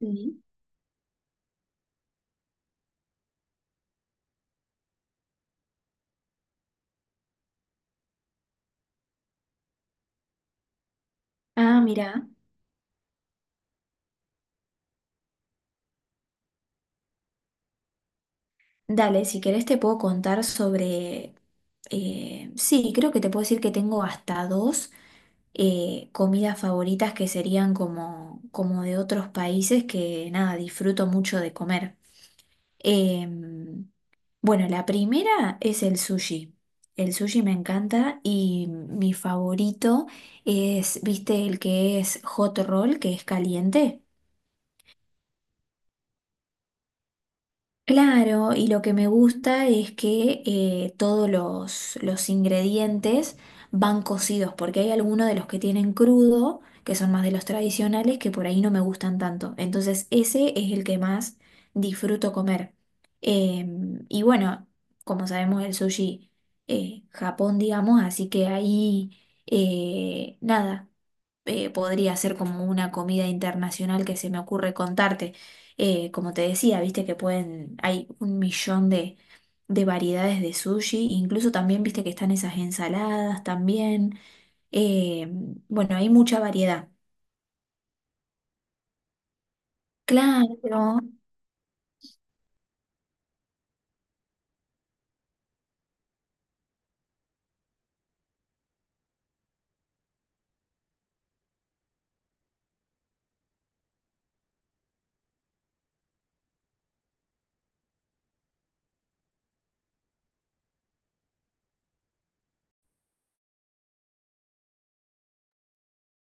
Sí. Ah, mira. Dale, si querés te puedo contar sobre... sí, creo que te puedo decir que tengo hasta dos comidas favoritas que serían como, como de otros países que nada, disfruto mucho de comer. Em, bueno, la primera es el sushi. El sushi me encanta y mi favorito es, ¿viste el que es hot roll, que es caliente? Claro, y lo que me gusta es que todos los ingredientes van cocidos, porque hay algunos de los que tienen crudo, que son más de los tradicionales, que por ahí no me gustan tanto. Entonces ese es el que más disfruto comer. Eh, y bueno, como sabemos, el sushi, Japón, digamos, así que ahí, nada podría ser como una comida internacional que se me ocurre contarte. Como te decía, viste que pueden, hay un millón de variedades de sushi, incluso también viste que están esas ensaladas también. Eh, bueno, hay mucha variedad. Claro.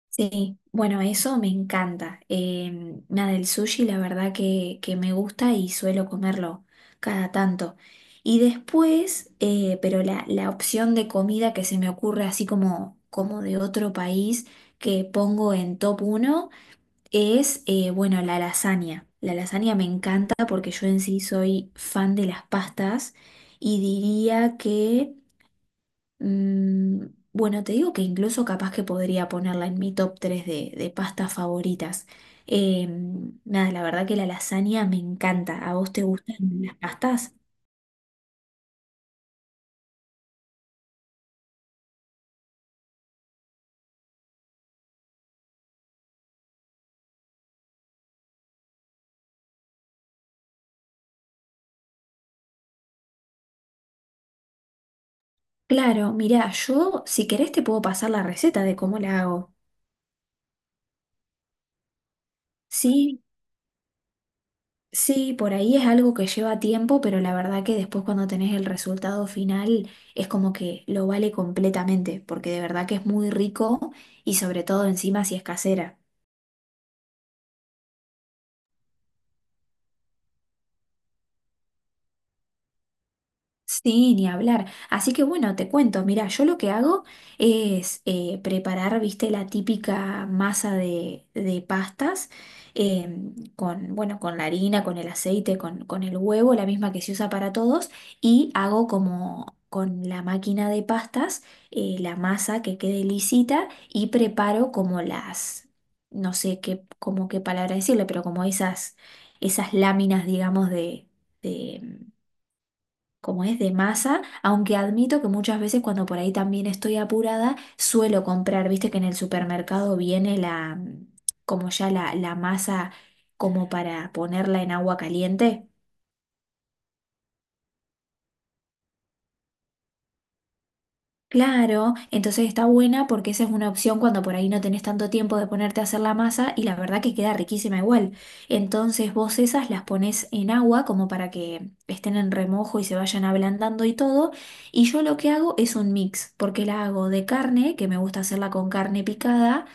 Sí, bueno, eso me encanta. Nada, el sushi la verdad que me gusta y suelo comerlo cada tanto. Y después, pero la opción de comida que se me ocurre así como, como de otro país que pongo en top uno es, bueno, la lasaña. La lasaña me encanta porque yo en sí soy fan de las pastas y diría que... Mm, bueno, te digo que incluso capaz que podría ponerla en mi top 3 de pastas favoritas. Eh, nada, la verdad que la lasaña me encanta. ¿A vos te gustan las pastas? Claro, mirá, yo si querés te puedo pasar la receta de cómo la hago. Sí, sí, por ahí es algo que lleva tiempo, pero la verdad que después cuando tenés el resultado final es como que lo vale completamente, porque de verdad que es muy rico y sobre todo encima si es casera. Sí, ni hablar. Así que bueno, te cuento, mira, yo lo que hago es preparar, viste, la típica masa de pastas con, bueno, con la harina, con el aceite, con el huevo, la misma que se usa para todos, y hago como con la máquina de pastas la masa que quede lisita y preparo como las, no sé qué, como qué palabra decirle, pero como esas, esas láminas, digamos, de como es de masa, aunque admito que muchas veces cuando por ahí también estoy apurada, suelo comprar, viste que en el supermercado viene la, mm, como ya la masa como para ponerla en agua caliente. Claro, entonces está buena porque esa es una opción cuando por ahí no tenés tanto tiempo de ponerte a hacer la masa y la verdad que queda riquísima igual. Entonces vos esas las pones en agua como para que estén en remojo y se vayan ablandando y todo. Y yo lo que hago es un mix, porque la hago de carne, que me gusta hacerla con carne picada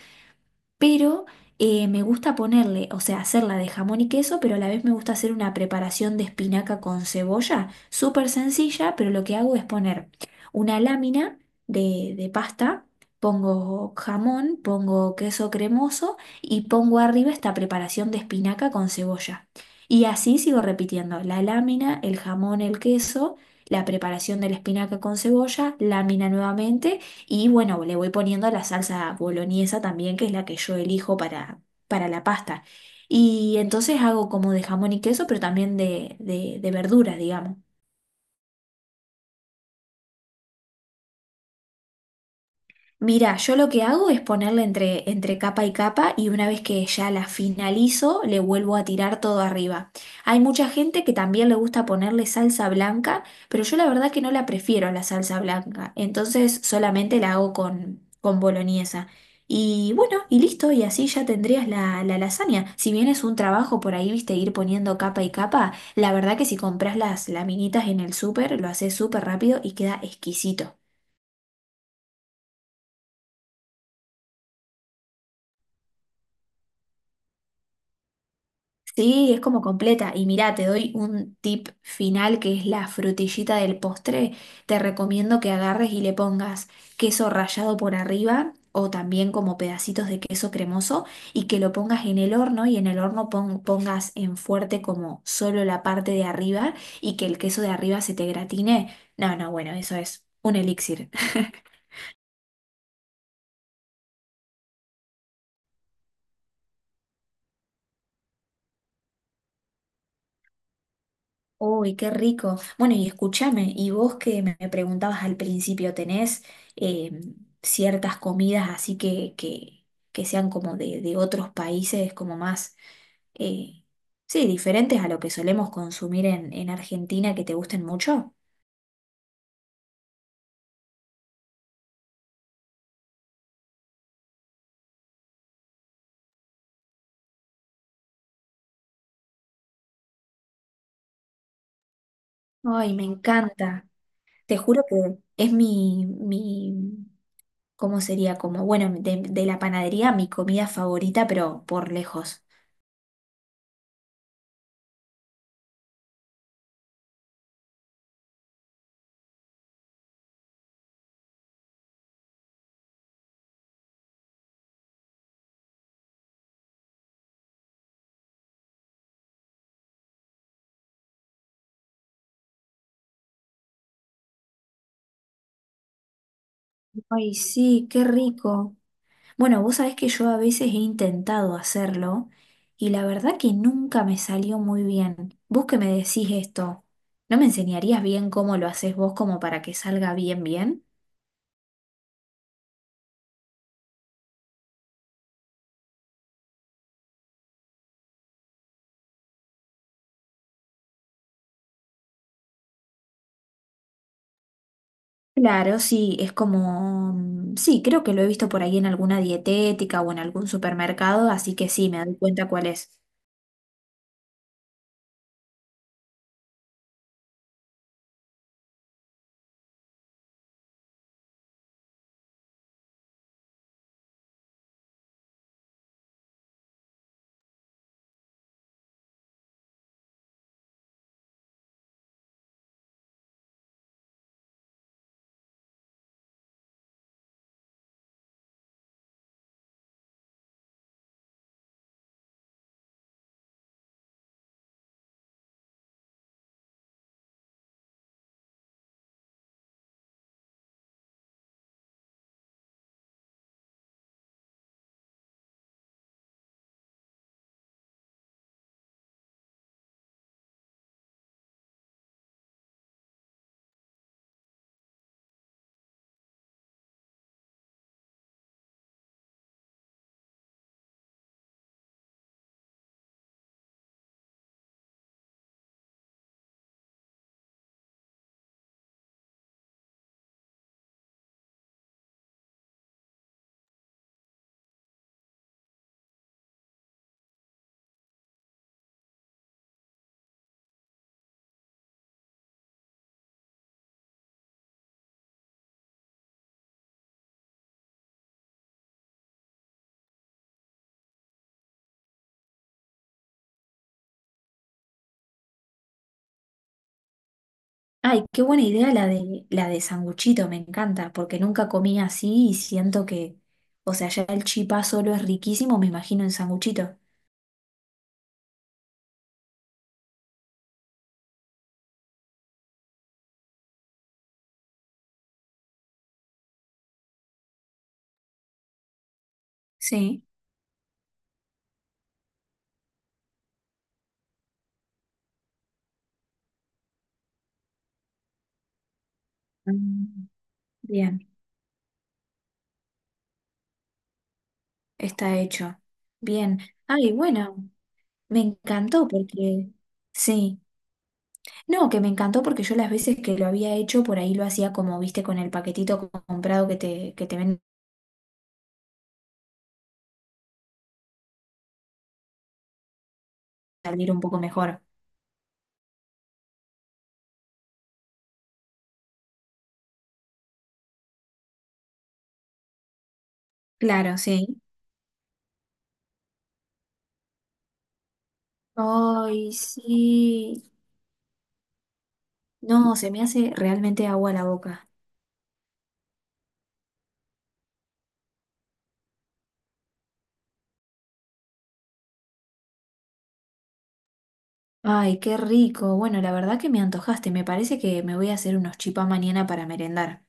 pero me gusta ponerle, o sea, hacerla de jamón y queso, pero a la vez me gusta hacer una preparación de espinaca con cebolla, súper sencilla, pero lo que hago es poner una lámina de pasta, pongo jamón, pongo queso cremoso y pongo arriba esta preparación de espinaca con cebolla. Y así sigo repitiendo, la lámina, el jamón, el queso, la preparación de la espinaca con cebolla, lámina nuevamente. Y bueno, le voy poniendo la salsa boloñesa también, que es la que yo elijo para la pasta. Y entonces hago como de jamón y queso, pero también de verduras, digamos. Mira, yo lo que hago es ponerla entre, entre capa y capa y una vez que ya la finalizo, le vuelvo a tirar todo arriba. Hay mucha gente que también le gusta ponerle salsa blanca, pero yo la verdad que no la prefiero a la salsa blanca, entonces solamente la hago con boloñesa. Y bueno, y listo, y así ya tendrías la lasaña. Si bien es un trabajo por ahí, viste, ir poniendo capa y capa, la verdad que si compras las laminitas en el súper, lo haces súper rápido y queda exquisito. Sí, es como completa. Y mirá, te doy un tip final que es la frutillita del postre. Te recomiendo que agarres y le pongas queso rallado por arriba o también como pedacitos de queso cremoso y que lo pongas en el horno y en el horno pongas en fuerte como solo la parte de arriba y que el queso de arriba se te gratine. No, no, bueno, eso es un elixir. Uy, qué rico. Bueno, y escúchame, y vos que me preguntabas al principio, ¿tenés eh, ciertas comidas así que sean como de otros países, como más, eh, sí, diferentes a lo que solemos consumir en Argentina, que te gusten mucho? Ay, me encanta. Te juro que es mi, ¿cómo sería? Como, bueno, de la panadería, mi comida favorita, pero por lejos. Ay, sí, qué rico. Bueno, vos sabés que yo a veces he intentado hacerlo y la verdad que nunca me salió muy bien. Vos que me decís esto, ¿no me enseñarías bien cómo lo haces vos como para que salga bien bien? Claro, sí, es como... mm, sí, creo que lo he visto por ahí en alguna dietética o en algún supermercado, así que sí, me doy cuenta cuál es. Ay, qué buena idea la de sanguchito, me encanta, porque nunca comí así y siento que, o sea, ya el chipá solo es riquísimo, me imagino en sanguchito. Sí. Mm. Bien, está hecho. Bien. Ay, bueno, me encantó porque... Sí. No, que me encantó porque yo las veces que lo había hecho, por ahí lo hacía como, viste, con el paquetito comprado que te vende salir un poco mejor. Claro, sí. Ay, sí. No, se me hace realmente agua a la boca. Ay, qué rico. Bueno, la verdad que me antojaste. Me parece que me voy a hacer unos chipas mañana para merendar.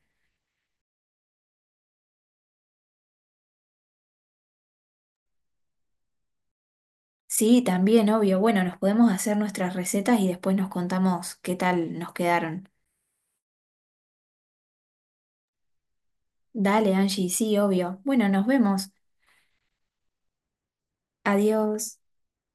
Sí, también, obvio. Bueno, nos podemos hacer nuestras recetas y después nos contamos qué tal nos quedaron. Dale, Angie, sí, obvio. Bueno, nos vemos. Adiós.